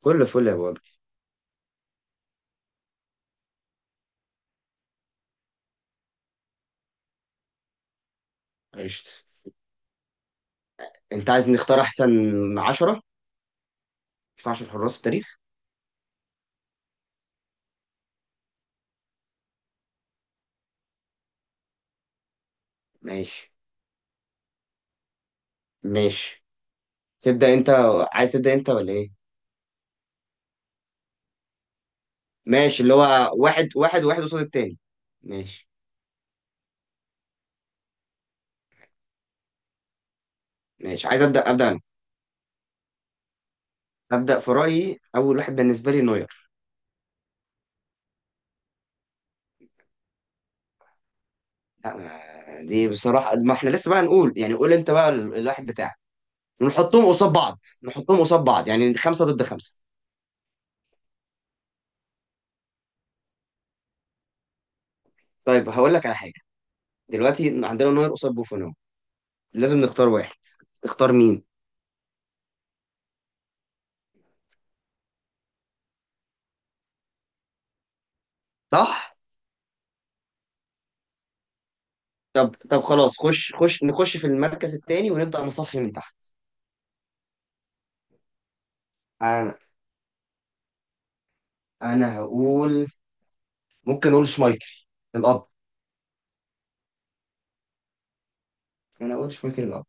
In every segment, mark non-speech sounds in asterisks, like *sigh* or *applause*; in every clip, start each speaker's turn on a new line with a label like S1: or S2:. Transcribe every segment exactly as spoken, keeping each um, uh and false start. S1: كل فل يا بوجد. قشطة. انت عايز نختار احسن عشرة، احسن عشر حراس التاريخ. ماشي ماشي تبدأ انت، عايز تبدأ انت ولا ايه؟ ماشي، اللي هو واحد واحد واحد قصاد التاني. ماشي ماشي عايز ابدأ ابدأ انا. ابدأ، في رأيي اول واحد بالنسبة لي نوير. لا ما- دي بصراحة، ما احنا لسه بقى نقول، يعني قول انت بقى ال- الواحد بتاعك ونحطهم قصاد بعض. نحطهم قصاد بعض، يعني خمسة ضد خمسة. طيب هقول لك على حاجة، دلوقتي عندنا نوير قصاد بوفون اهو. لازم نختار واحد، اختار مين؟ صح. طب طب خلاص، خش خش نخش في المركز الثاني ونبدأ نصفي من تحت. انا انا هقول ممكن اقول شمايكل الاب، انا اقول شمايكل الاب.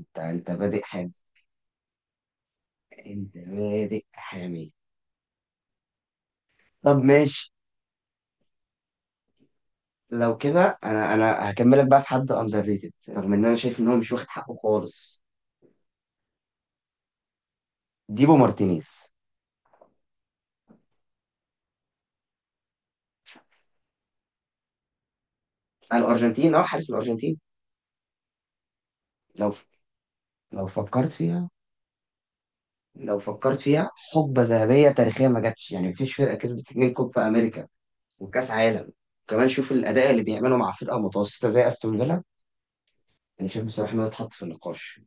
S1: انت انت بادئ حامي، انت بادئ حامي. طب ماشي، لو كده انا انا هكملك بقى في حد اندر ريتد، رغم ان انا شايف ان هو مش واخد حقه خالص. ديبو مارتينيز. الارجنتين، اه حارس الارجنتين. لو لو فكرت فيها، لو فكرت فيها حقبة ذهبية تاريخية ما جاتش، يعني مفيش فرقة كسبت اتنين كوب في امريكا وكاس عالم. كمان شوف الاداء اللي بيعمله مع فرقه متوسطه زي استون فيلا، انا شايف بصراحه انه يتحط في النقاش.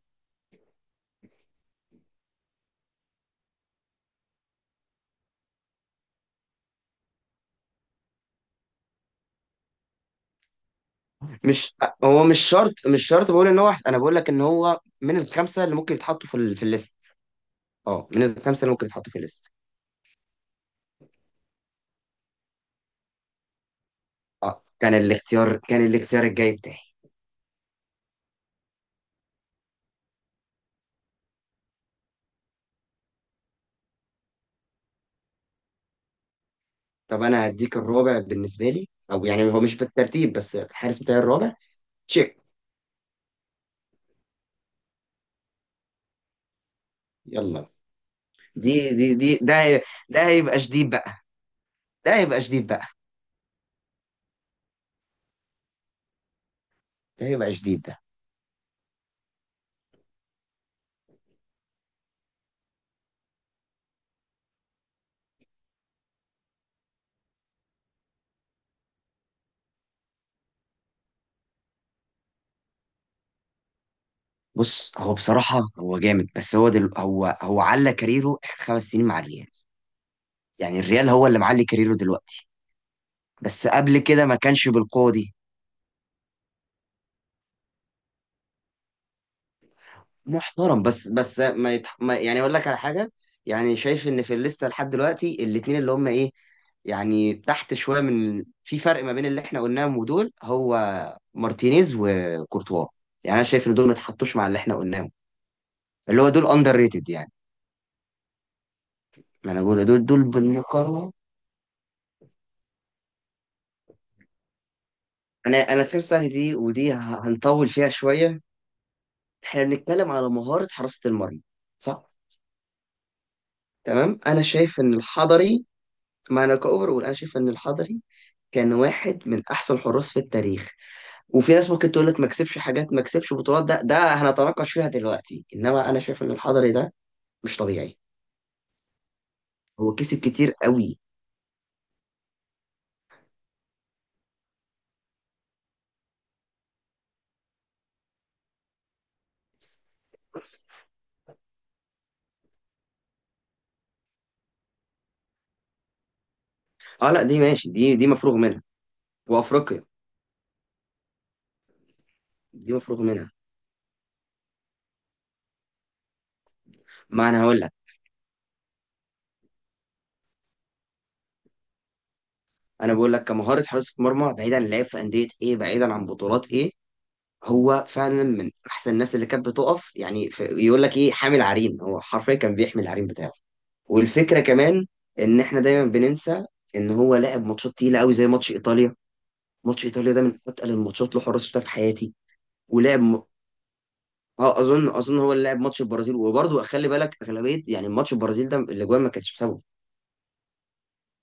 S1: مش، هو مش شرط مش شرط بقول ان هو أحسن. انا بقول لك ان هو من الخمسه اللي ممكن يتحطوا في ال... في الليست. اه من الخمسه اللي ممكن يتحطوا في الليست. اه كان الاختيار، كان الاختيار الجاي بتاعي. طب انا هديك الرابع بالنسبه لي، او يعني هو مش بالترتيب، بس الحارس بتاعي الرابع تشيك. يلا. دي دي دي ده هي- ده هيبقى شديد بقى، ده هيبقى شديد بقى، ده هيبقى شديد ده. بص، هو بصراحة هو جامد، بس هو دل... هو هو على كاريره آخر خمس سنين مع الريال، يعني الريال هو اللي معلي كاريره دلوقتي. بس قبل كده ما كانش بالقوة دي. محترم، بس بس ما، يتح... ما يعني أقول لك على حاجة، يعني شايف إن في الليستة لحد دلوقتي الاتنين اللي هم إيه، يعني تحت شوية من في فرق ما بين اللي إحنا قلناهم ودول، هو مارتينيز وكورتوا. يعني أنا شايف إن دول ما اتحطوش مع اللي إحنا قلناهم، اللي هو دول أندر ريتد يعني. ما أنا بقول دول دول بالمقارنة انا انا تحسها دي ودي ه- هنطول فيها شويه. احنا بنتكلم على مهاره حراسه المرمى، صح؟ تمام، انا شايف ان الحضري، ما انا كاوفر اقول، انا شايف ان الحضري كان واحد من احسن الحراس في التاريخ. وفي ناس ممكن تقول لك ما كسبش حاجات، ما كسبش بطولات، ده ده هنتناقش فيها دلوقتي، انما انا شايف ان الحضري ده مش طبيعي. هو كسب كتير قوي. اه لا دي ماشي، دي دي مفروغ منها. وافريقيا. دي مفروغ منها. ما انا هقول لك، انا بقول لك كمهاره حراسه مرمى، بعيدا عن لعب في انديه ايه، بعيدا عن بطولات ايه، هو فعلا من احسن الناس اللي كانت بتقف. يعني ف- يقول لك ايه، حامل عريم، هو حرفيا كان بيحمل العريم بتاعه. والفكره كمان ان احنا دايما بننسى ان هو لعب ماتشات تقيله قوي زي ماتش ايطاليا. ماتش ايطاليا ده من اتقل الماتشات اللي حراس شفتها في حياتي. ولعب م... اه اظن اظن هو اللي لعب ماتش البرازيل. وبرضه خلي بالك اغلبيه، يعني ماتش البرازيل ده الاجوان ما كانتش بسببه،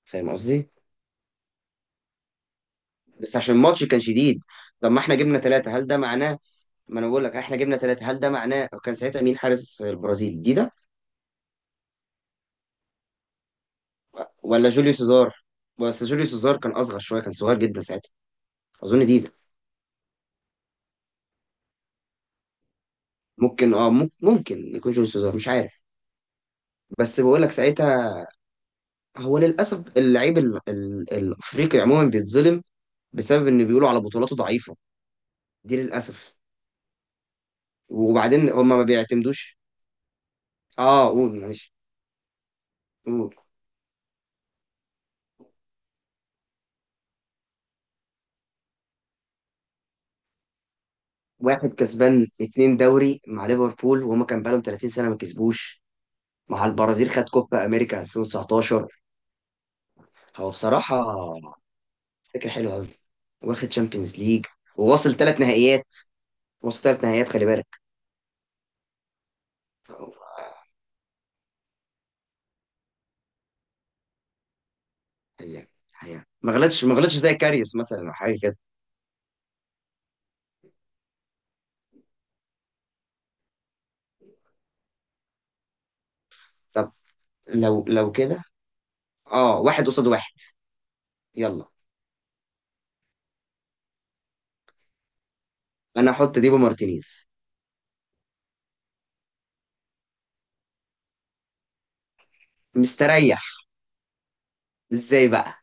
S1: فاهم قصدي؟ بس عشان الماتش كان شديد. طب ما احنا جبنا ثلاثه، هل ده معناه؟ ما انا بقول لك احنا جبنا ثلاثه، هل ده معناه؟ كان ساعتها مين حارس البرازيل دي، ولا جوليو سيزار؟ بس جوليو سيزار كان اصغر شويه، كان صغير جدا ساعتها. اظن دي ده. ممكن اه مم- ممكن يكون جوليو سيزار، مش عارف. بس بقول لك ساعتها هو للاسف اللعيب ال- ال- الافريقي عموما بيتظلم بسبب ان بيقولوا على بطولاته ضعيفه. دي للاسف. وبعدين هم ما بيعتمدوش. اه قول معلش، قول. واحد كسبان اتنين دوري مع ليفربول، وهما كان بقالهم ثلاثين سنه ما كسبوش. مع البرازيل خد كوبا امريكا ألفين وتسعطاشر. هو بصراحه فكره حلوه قوي، واخد تشامبيونز ليج وواصل ثلاث نهائيات. واصل ثلاث نهائيات، خلي بالك. فهو- حقيقة، حقيقة ما غلطش، ما غلطش زي كاريوس مثلا او حاجه كده. طب لو، لو كده. اه واحد قصاد واحد، يلا. انا احط ديبو مارتينيز. مستريح. ازاي بقى؟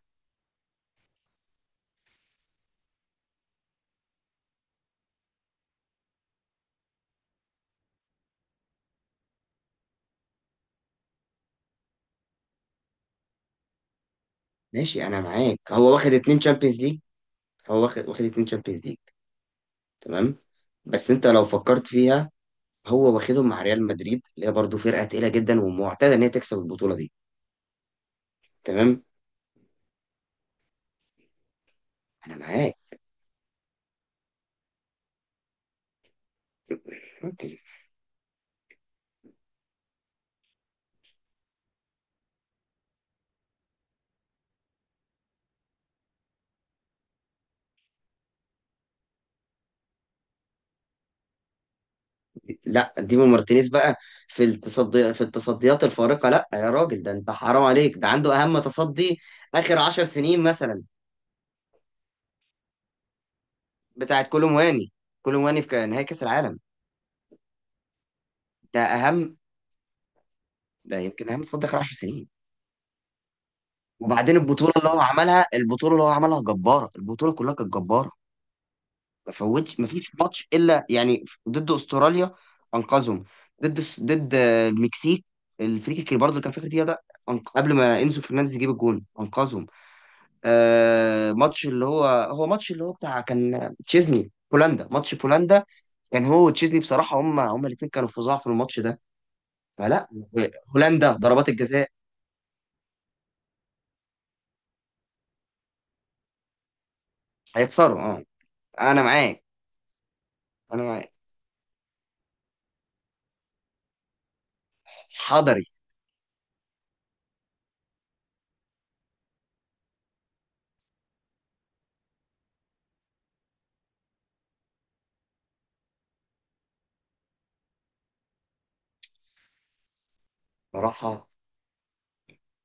S1: ماشي انا معاك، هو واخد اتنين تشامبيونز ليج. هو واخد واخد اتنين تشامبيونز ليج. تمام، بس انت لو فكرت فيها، هو واخدهم مع ريال مدريد اللي هي برضه فرقه تقيله جدا ومعتاده ان هي تكسب البطوله دي. تمام انا معاك. اوكي. لا ديمو مارتينيز بقى في التصدي، في التصديات الفارقة، لا يا راجل، ده انت حرام عليك، ده عنده اهم تصدي اخر عشر سنين مثلا. بتاع كولومواني. كولومواني في ك- نهائي كأس العالم، ده اهم، ده يمكن اهم تصدي اخر عشر سنين. وبعدين البطولة اللي هو عملها، البطولة اللي هو عملها جبارة، البطولة كلها كانت جبارة. ما فوتش، ما فيش ماتش الا، يعني ضد استراليا انقذهم، ضد الس- ضد المكسيك الفريق اللي برضه اللي كان في اخر دقيقة ده، أنق- قبل ما انزو فرنانديز يجيب الجون انقذهم. آه ماتش اللي هو، هو ماتش اللي هو بتاع، كان تشيزني بولندا، ماتش بولندا. كان هو وتشيزني بصراحة، هم هم الاثنين كانوا فظاع في الماتش ده. فلا، هولندا، ضربات الجزاء. هيخسروا اه. انا معاك، انا معاك. حضري. بصراحة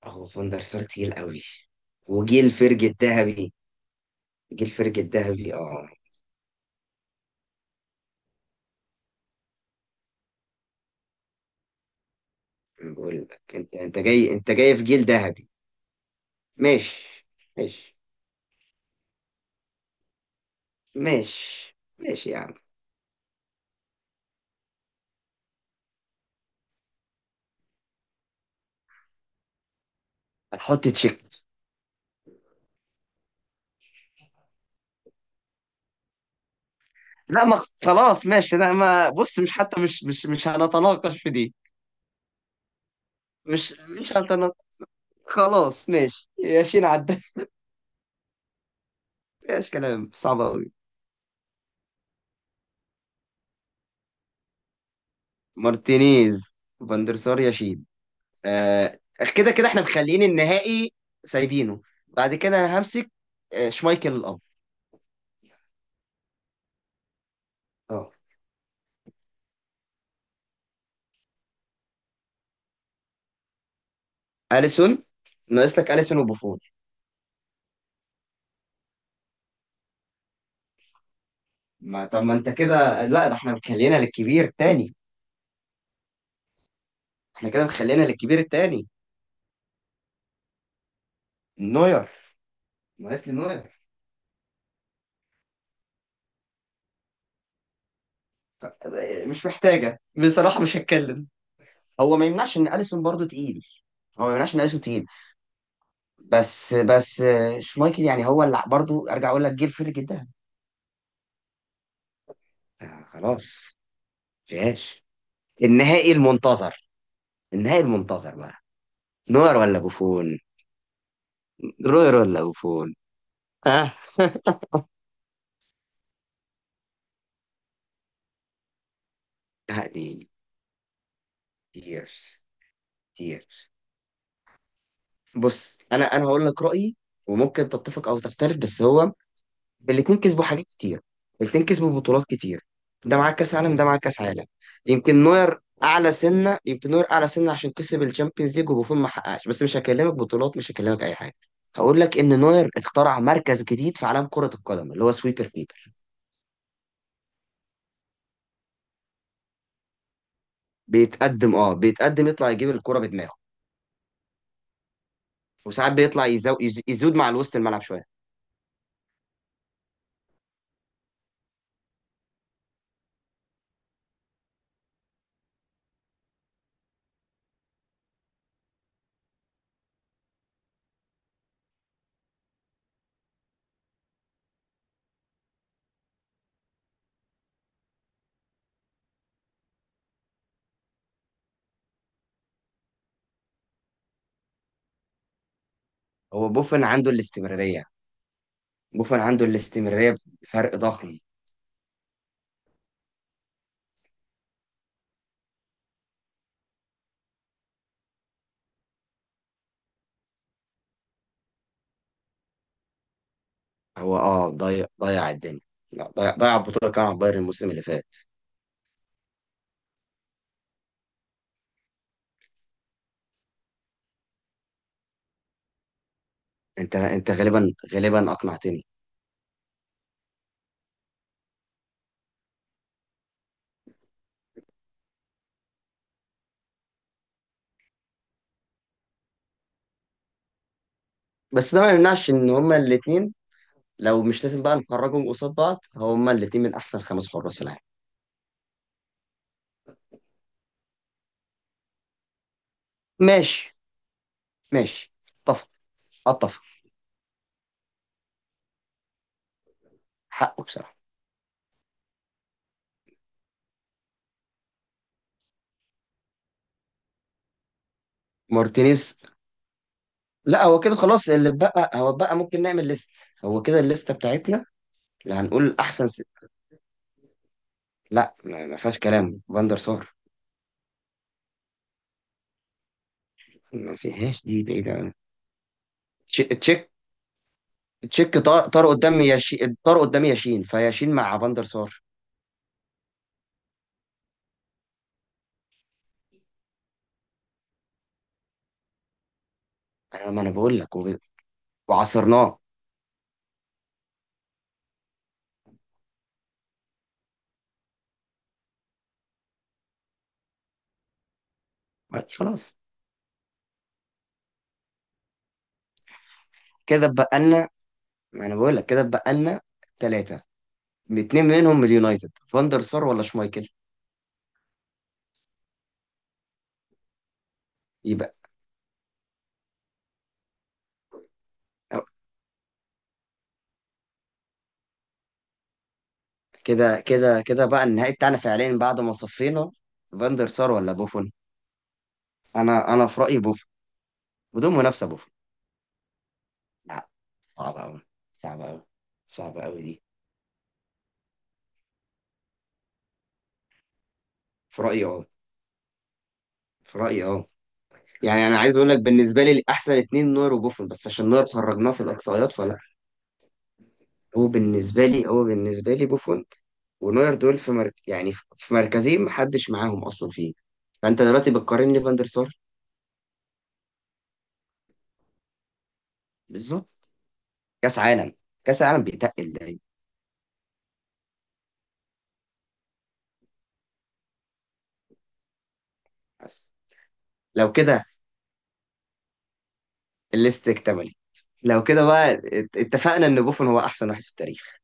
S1: هو فان دير سار تقيل قوي، وجيل فرج الذهبي. جيل فرج الذهبي اه. أنا بقول لك، انت انت جاي، انت جاي في جيل ذهبي. ماشي. ماشي. ماشي. ماشي يا عم. هتحط تشيك. لا ما خلاص ماشي، لا ما بص، مش حتى مش مش مش هنتناقش في دي. مش مش هنتناقش. خلاص ماشي، ياشين عدى. *laughs* ماشي، كلام صعب قوي. مارتينيز، فاندرسار، ياشين. آه كده كده احنا مخليين النهائي سايبينه. بعد كده انا همسك، آه شمايكل الاب. اه اليسون. ناقص لك اليسون وبوفون. ما طب ما انت كده، لا ده احنا مخلينا للكبير التاني. احنا كده مخلينا للكبير التاني. نوير، ناقص لي نوير. مش محتاجة بصراحة، مش هتكلم. هو ما يمنعش ان اليسون برضو تقيل. هو ما يمنعش ان اليسون تقيل. بس بس آه، شمايكل يعني هو اللي برضو، ارجع اقول لك جه الفرق جدا. آه خلاص، فيهاش. النهائي المنتظر، النهائي المنتظر بقى. نوير ولا بوفون؟ روير ولا بوفون؟ ها *laughs* آه. دي تيرز. تيرز. بص، انا انا هقول لك رأيي، وممكن تتفق او تختلف. بس هو الاتنين كسبوا حاجات كتير، الاتنين كسبوا بطولات كتير، ده معاه كاس عالم، ده معاه كاس عالم. يمكن نوير اعلى سنه، يمكن نوير اعلى سنه عشان كسب الشامبيونز ليج وبوفون ما حققش. بس مش هكلمك بطولات، مش هكلمك اي حاجه، هقول لك ان نوير اخترع مركز جديد في عالم كره القدم اللي هو سويبر كيبر. بيتقدم، اه بيتقدم، يطلع يجيب الكره بدماغه. وساعات بيطلع يزو... يز- يزود مع الوسط الملعب شويه. هو بوفون عنده الاستمراريه، بوفون عنده الاستمراريه بفرق ضخم. هو اه ضيع ضيع الدنيا، لا ضيع ضيع البطوله كان على بايرن الموسم اللي فات. انت انت غالبا غالبا اقنعتني. بس ده ما يمنعش ان هما الاثنين، لو مش لازم بقى نخرجهم قصاد بعض، هما الاثنين من احسن خمس حراس في العالم. ماشي. ماشي. اتفق. اتفق، حقه بصراحه. مارتينيز. لا هو كده خلاص، اللي اتبقى، هو اتبقى ممكن نعمل ليست. هو كده الليسته بتاعتنا، اللي هنقول احسن س... لا ما، ما فيهاش كلام فاندر سار. ما فيهاش، دي بعيده أوي. تشيك. تشيك طار, طار قدام ياشين، طار قدام ياشين. فياشين مع فاندر سار. انا ما، انا بقول لك وب- وعصرناه. خلاص كده اتبقى لنا، ما انا بقول لك كده اتبقى لنا ثلاثه، اتنين منهم من اليونايتد، فاندر سار ولا شمايكل؟ يبقى كده كده كده بقى النهائي بتاعنا فعليا بعد ما صفينا، فاندر سار ولا بوفون. انا انا في رايي بوفون، بدون منافسه بوفون. لا، صعبه قوي، صعبه قوي، صعبه قوي دي. في رايي اه في رايي اه. يعني انا عايز اقول لك بالنسبه لي احسن اتنين نوير وبوفون، بس عشان نوير خرجناه في الاقصائيات فلا. هو بالنسبه لي هو بالنسبه لي بوفون، ونوير، دول في مرك... يعني في مركزين محدش معاهم اصلا فيه. فانت دلوقتي بتقارن لي فاندر سار. بالظبط، كاس عالم، كاس عالم بيتقل دايما. بس لو كده الليست اكتملت. لو كده بقى ات- اتفقنا ان بوفون هو احسن واحد في التاريخ.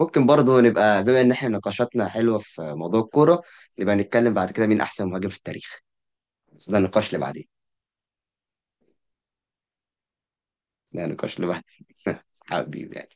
S1: ممكن برضه نبقى، بما ان احنا نقاشاتنا حلوه في موضوع الكوره، نبقى نتكلم بعد كده مين احسن مهاجم في التاريخ، بس ده النقاش اللي بعدين، ده نقاش لوحده. *laughs* حبيبي يعني.